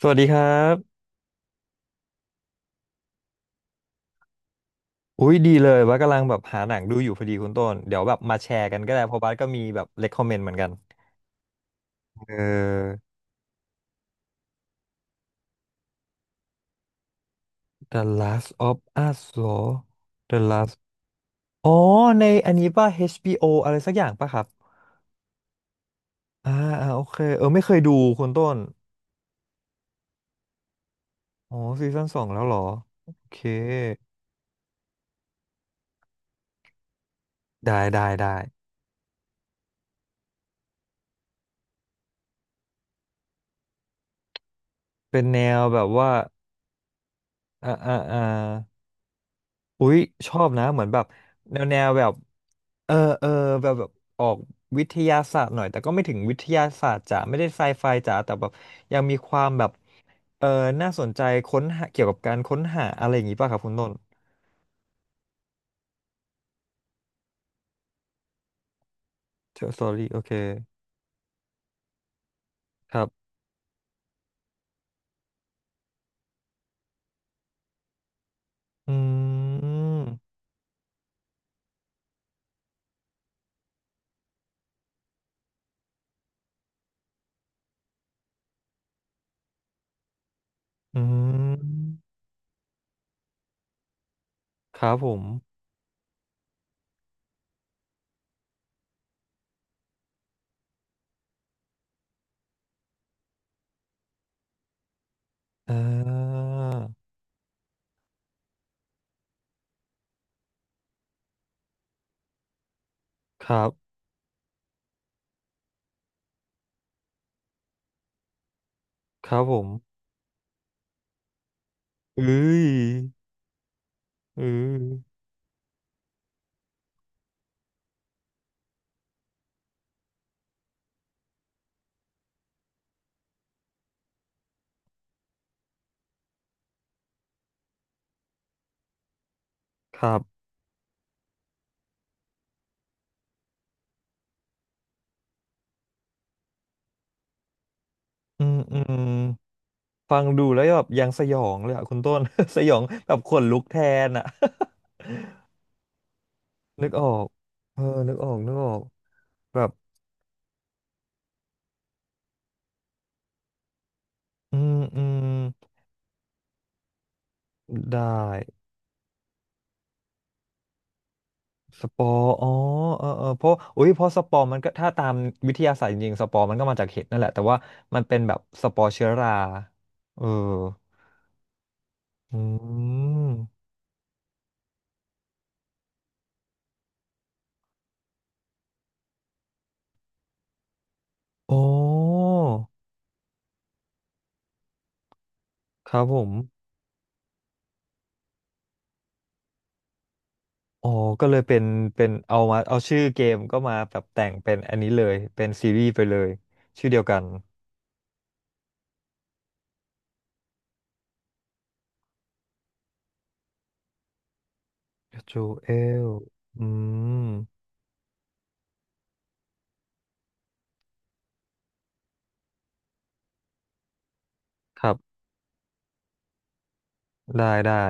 สวัสดีครับอุ้ยดีเลยว่ากำลังแบบหาหนังดูอยู่พอดีคุณต้นเดี๋ยวแบบมาแชร์กันก็ได้เพราะบัสก็มีแบบ recommend เหมือนกันเออ The Last of Us เหรอ The Last อ๋อในอันนี้ป่ะ HBO อชบีโออะไรสักอย่างป่ะครับอ่าอ่าโอเคเออไม่เคยดูคุณต้นอ๋อซีซั่นสองแล้วเหรอโอเคได้ได้ได้เป็นแนวแบบว่าอ่าอ่าอ่าอุ้ยชอบนะเหมือนแบบแนวแนวแบบ เออเออแบบออกวิทยาศาสตร์หน่อยแต่ก็ไม่ถึงวิทยาศาสตร์จ๋าไม่ได้ไซไฟจ๋าแต่แบบยังมีความแบบเออน่าสนใจค้นหาเกี่ยวกับการค้นหาอะไรอย่างงี้ป่ะครับคุณต้นสอรี่โอเคครับอืมอืมครับผมเออครับครับผมเอ้ยเออครับอืมอืมฟังดูแล้วแบบยังสยองเลยอ่ะคุณต้น สยองแบบขนลุกแทนอ่ะ นึกออกเออนึกออกนึกออกแบบอืมอืมได้ สปอร์อ๋อเออเออเพราะอุ้ยเพราะสปอร์มันก็ถ้าตามวิทยาศาสตร์จริงๆสปอร์มันก็มาจากเห็ดนั่นแหละแต่ว่ามันเป็นแบบสปอร์เชื้อราเอออืมโอ้ครับผมอ๋อก็เลยเป็น เอาชื่อเกมก็มาแบบแต่งเป็นอันนี้เลยเป็นซีรีส์ไปเลย ชื่อเดียวกันจูเอลอืมครับได้ได้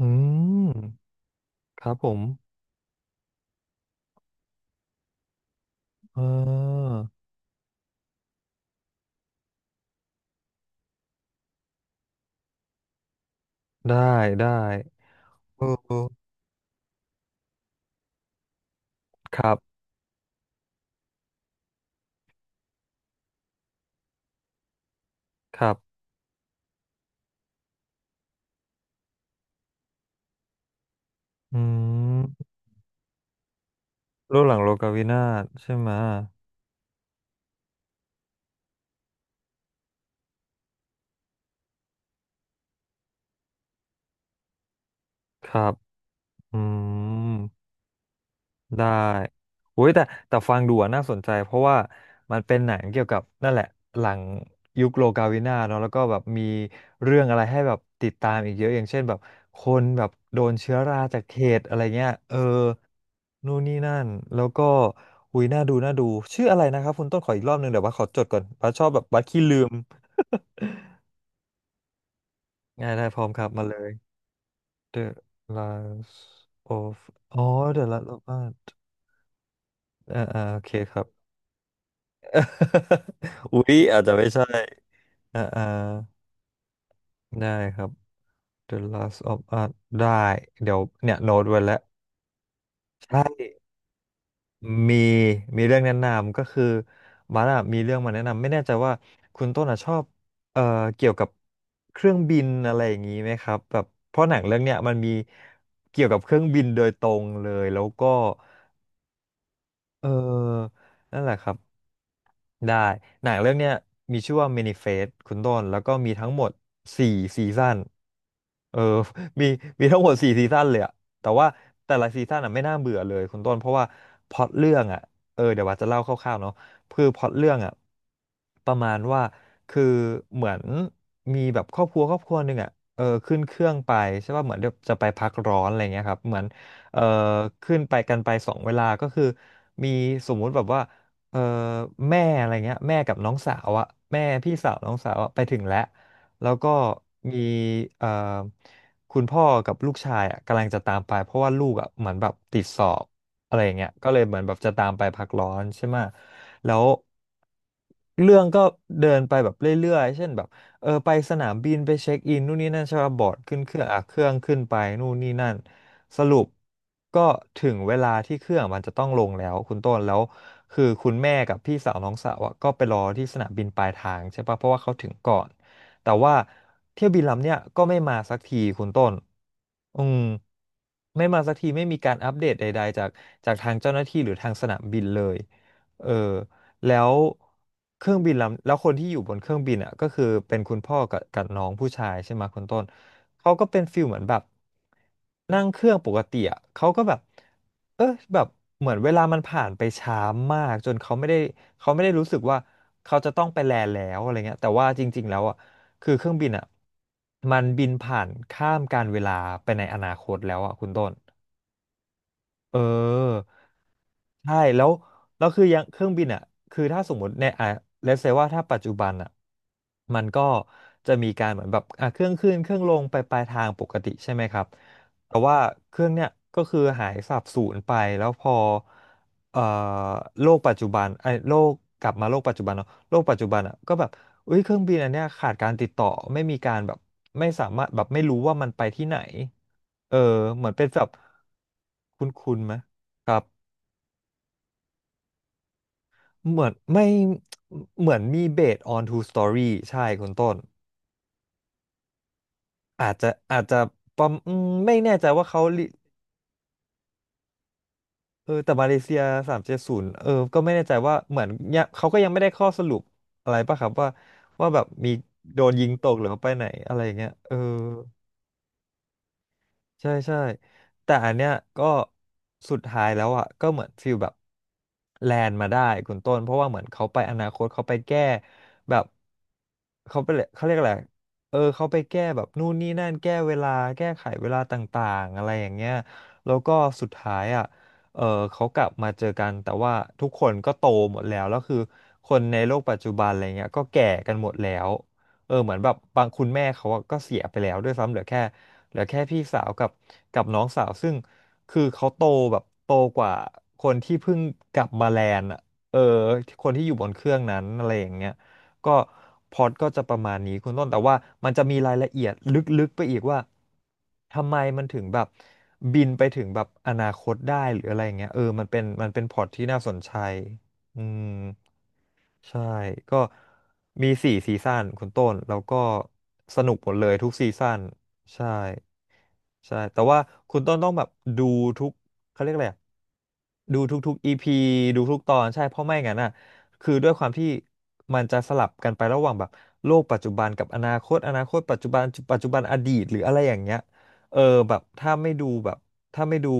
อืมครับผมเออได้ได้เออครับ ครับอืมรูปหลังโลกาวินาศใช่ไหมะครับอืม ได้โอ้ยแต่แต่ฟังดูอะน่าสนใจเพราะว่ามันเป็นหนังเกี่ยวกับนั่นแหละหลังยุคโลกาวินาเนาะแล้วก็แบบมีเรื่องอะไรให้แบบติดตามอีกเยอะอย่างเช่นแบบคนแบบโดนเชื้อราจากเขตอะไรเงี้ยเออนู่นนี่นั่นแล้วก็หุยน่าดูน่าดูชื่ออะไรนะครับคุณต้นขออีกรอบหนึ่งเดี๋ยวบัสขอจดก่อนบัสชอบแบบบัสขี้ลืม ง่ายได้พร้อมครับมาเลย The Lives of อ๋อ The Last of Us อ่าอ่าโอเคครับ อุ๊ยอาจจะไม่ใช่อ่าอ่าได้ครับ The Last of Us ได้เดี๋ยวเนี่ยโน้ตไว้แล้วใช่มีมีเรื่องแนะนำก็คือมาร์ทอะมีเรื่องมาแนะนำไม่แน่ใจว่าคุณต้นอะชอบเอ่อเกี่ยวกับเครื่องบินอะไรอย่างนี้ไหมครับแบบเพราะหนังเรื่องเนี้ยมันมีเกี่ยวกับเครื่องบินโดยตรงเลยแล้วก็เออนั่นแหละครับ ได้หนังเรื่องเนี้ยมีชื่อว่า Manifest คุณต้นแล้วก็มีทั้งหมดสี่ซีซั่นเออ มีมีทั้งหมดสี่ซีซั่นเลยอะแต่ว่าแต่ละซีซั่นอะไม่น่าเบื่อเลยคุณต้นเพราะว่าพล็อตเรื่องอะเออเดี๋ยวว่าจะเล่าคร่าวๆเนาะคือพล็อตเรื่องอะประมาณว่าคือเหมือนมีแบบครอบครัวครอบครัวหนึ่งอะเออขึ้นเครื่องไปใช่ป่ะเหมือนเดี๋ยวจะไปพักร้อนอะไรเงี้ยครับเหมือนเอ่อขึ้นไปกันไปสองเวลาก็คือมีสมมุติแบบว่า เอ่อแม่อะไรเงี้ยแม่กับน้องสาวอะแม่พี่สาวน้องสาวอะไปถึงแล้วแล้วก็มีเอ่อคุณพ่อกับลูกชายอะกำลังจะตามไปเพราะว่าลูกอะเหมือนแบบติดสอบอะไรอย่างเงี้ยก็เลยเหมือนแบบจะตามไปพักร้อนใช่ไหมะแล้วเรื่องก็เดินไปแบบเรื่อยๆเช่นแบบเออไปสนามบินไปเช็คอินนู่นนี่นั่นใช่ป่ะบอร์ดขึ้นเครื่องอ่ะเครื่องขึ้นไปนู่นนี่นั่น สรุปก็ถึงเวลาที่เครื่องมันจะต้องลงแล้วคุณต้นแล้วคือคุณแม่กับพี่สาวน้องสาวอะก็ไปรอที่สนามบินปลายทางใช่ปะเพราะว่าเขาถึงก่อนแต่ว่าเที่ยวบินลำเนี้ยก็ไม่มาสักทีคุณต้นอืมไม่มาสักทีไม่มีการอัปเดตใดๆจากทางเจ้าหน้าที่หรือทางสนามบินเลยเออ แล้วเครื่องบินลำแล้วคนที่อยู่บนเครื่องบินอ่ะก็คือเป็นคุณพ่อกับน้องผู้ชายใช่ไหมคุณต้นเขาก็เป็นฟิลเหมือนแบบนั่งเครื่องปกติอ่ะเขาก็แบบเออแบบเหมือนเวลามันผ่านไปช้ามากจนเขาไม่ได้เขาไม่ได้รู้สึกว่าเขาจะต้องไปแลนด์แล้วอะไรเงี้ยแต่ว่าจริงๆแล้วอ่ะคือเครื่องบินอ่ะมันบินผ่านข้ามการเวลาไปในอนาคตแล้วอ่ะคุณต้น เออใช่แล้วแล้วคือยังเครื่องบินอ่ะคือถ้าสมมติเนี่ยอ่ะเลเซว่าถ้าปัจจุบันอ่ะมันก็จะมีการเหมือนแบบอ่ะเครื่องขึ้นเครื่องลงไปปลายทางปกติใช่ไหมครับแต่ว่าเครื่องเนี่ยก็คือหายสาบสูญไปแล้วพอเอ่อโลกปัจจุบันไอ้โลกกลับมาโลกปัจจุบันเนาะโลกปัจจุบันอ่ะก็แบบอุ้ยเครื่องบินอันเนี้ยขาดการติดต่อไม่มีการแบบไม่สามารถแบบไม่รู้ว่ามันไปที่ไหน เออเหมือนเป็นแบบคุ้นคุ้นไหมครับเหมือนไม่เหมือนมีเบส on two story ใช่คุณต้นอาจจะอาจจะประมไม่แน่ใจว่าเขาลิเออแต่มาเลเซียสามเจ็ดศูนย์เออก็ไม่แน่ใจว่าเหมือนยังเขาก็ยังไม่ได้ข้อสรุปอะไรป่ะครับว่าว่าแบบมีโดนยิงตกหรือเขาไปไหนอะไรอย่างเงี้ยเออ ใช่ใช่แต่อันเนี้ยก็สุดท้ายแล้วอ่ะก็เหมือนฟีลแบบแลนด์มาได้คุณต้นเพราะว่าเหมือนเขาไปอนาคตเขาไปแก้แบบเขาไปเลยเขาเรียกอะไรเออเขาไปแก้แบบนู่นนี่นั่นแก้เวลาแก้ไขเวลาต่างๆอะไรอย่างเงี้ยแล้วก็สุดท้ายอ่ะเออเขากลับมาเจอกันแต่ว่าทุกคนก็โตหมดแล้วแล้วคือคนในโลกปัจจุบันอะไรเงี้ยก็แก่กันหมดแล้ว เออเหมือนแบบบางคุณแม่เขาอะก็เสียไปแล้วด้วยซ้ำเหลือแค่เหลือแค่พี่สาวกับกับน้องสาวซึ่งคือเขาโตแบบโตกว่าคนที่เพิ่งกลับมาแลนด์อะเออคนที่อยู่บนเครื่องนั้นอะไรอย่างเงี้ยก็พล็อตก็จะประมาณนี้คุณต้นแต่ว่ามันจะมีรายละเอียดลึกๆไปอีกว่าทำไมมันถึงแบบบินไปถึงแบบอนาคตได้หรืออะไรอย่างเงี้ยเออมันเป็นมันเป็นพล็อตที่น่าสนใจอืม ใช่ก็มีสี่ซีซั่นคุณต้นแล้วก็สนุกหมดเลยทุกซีซั่นใช่ใช่แต่ว่าคุณต้นต้องแบบดูทุกเขาเรียกอะไรอะดูทุกๆ EP ดูทุกตอนใช่เพราะไม่งั้นอ่ะคือด้วยความที่มันจะสลับกันไประหว่างแบบโลกปัจจุบันกับอนาคตอนาคตปัจจุบันปัจจุบันอดีตหรืออะไรอย่างเงี้ยเออแบบถ้าไม่ดูแบบถ้าไม่ดู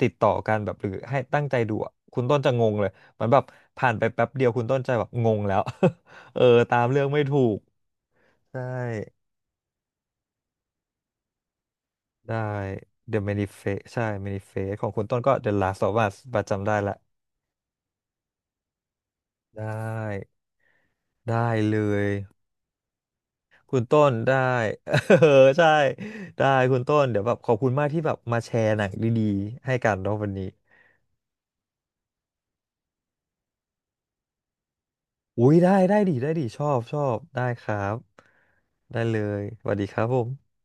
ติดต่อกันแบบหรือให้ตั้งใจดูอะคุณต้นจะงงเลย มันแบบผ่านไปแป๊บเดียวคุณต้นใจแบบงงแล้ว เออตามเรื่องไม่ถูกใช่ได้ The Manifest ใช่ Manifest ของคุณต้นก็ The Last of Us ประจำได้ละได้ได้เลยคุณต้นได้ เออใช่ได้คุณต้นเดี๋ยวแบบขอบคุณมากที่แบบมาแชร์หนังดีๆให้กันเนาะวันนี้อุ้ยได้ได้ดีได้ดีชอบชอบได้ครับได้เลยสวัสดีครับผม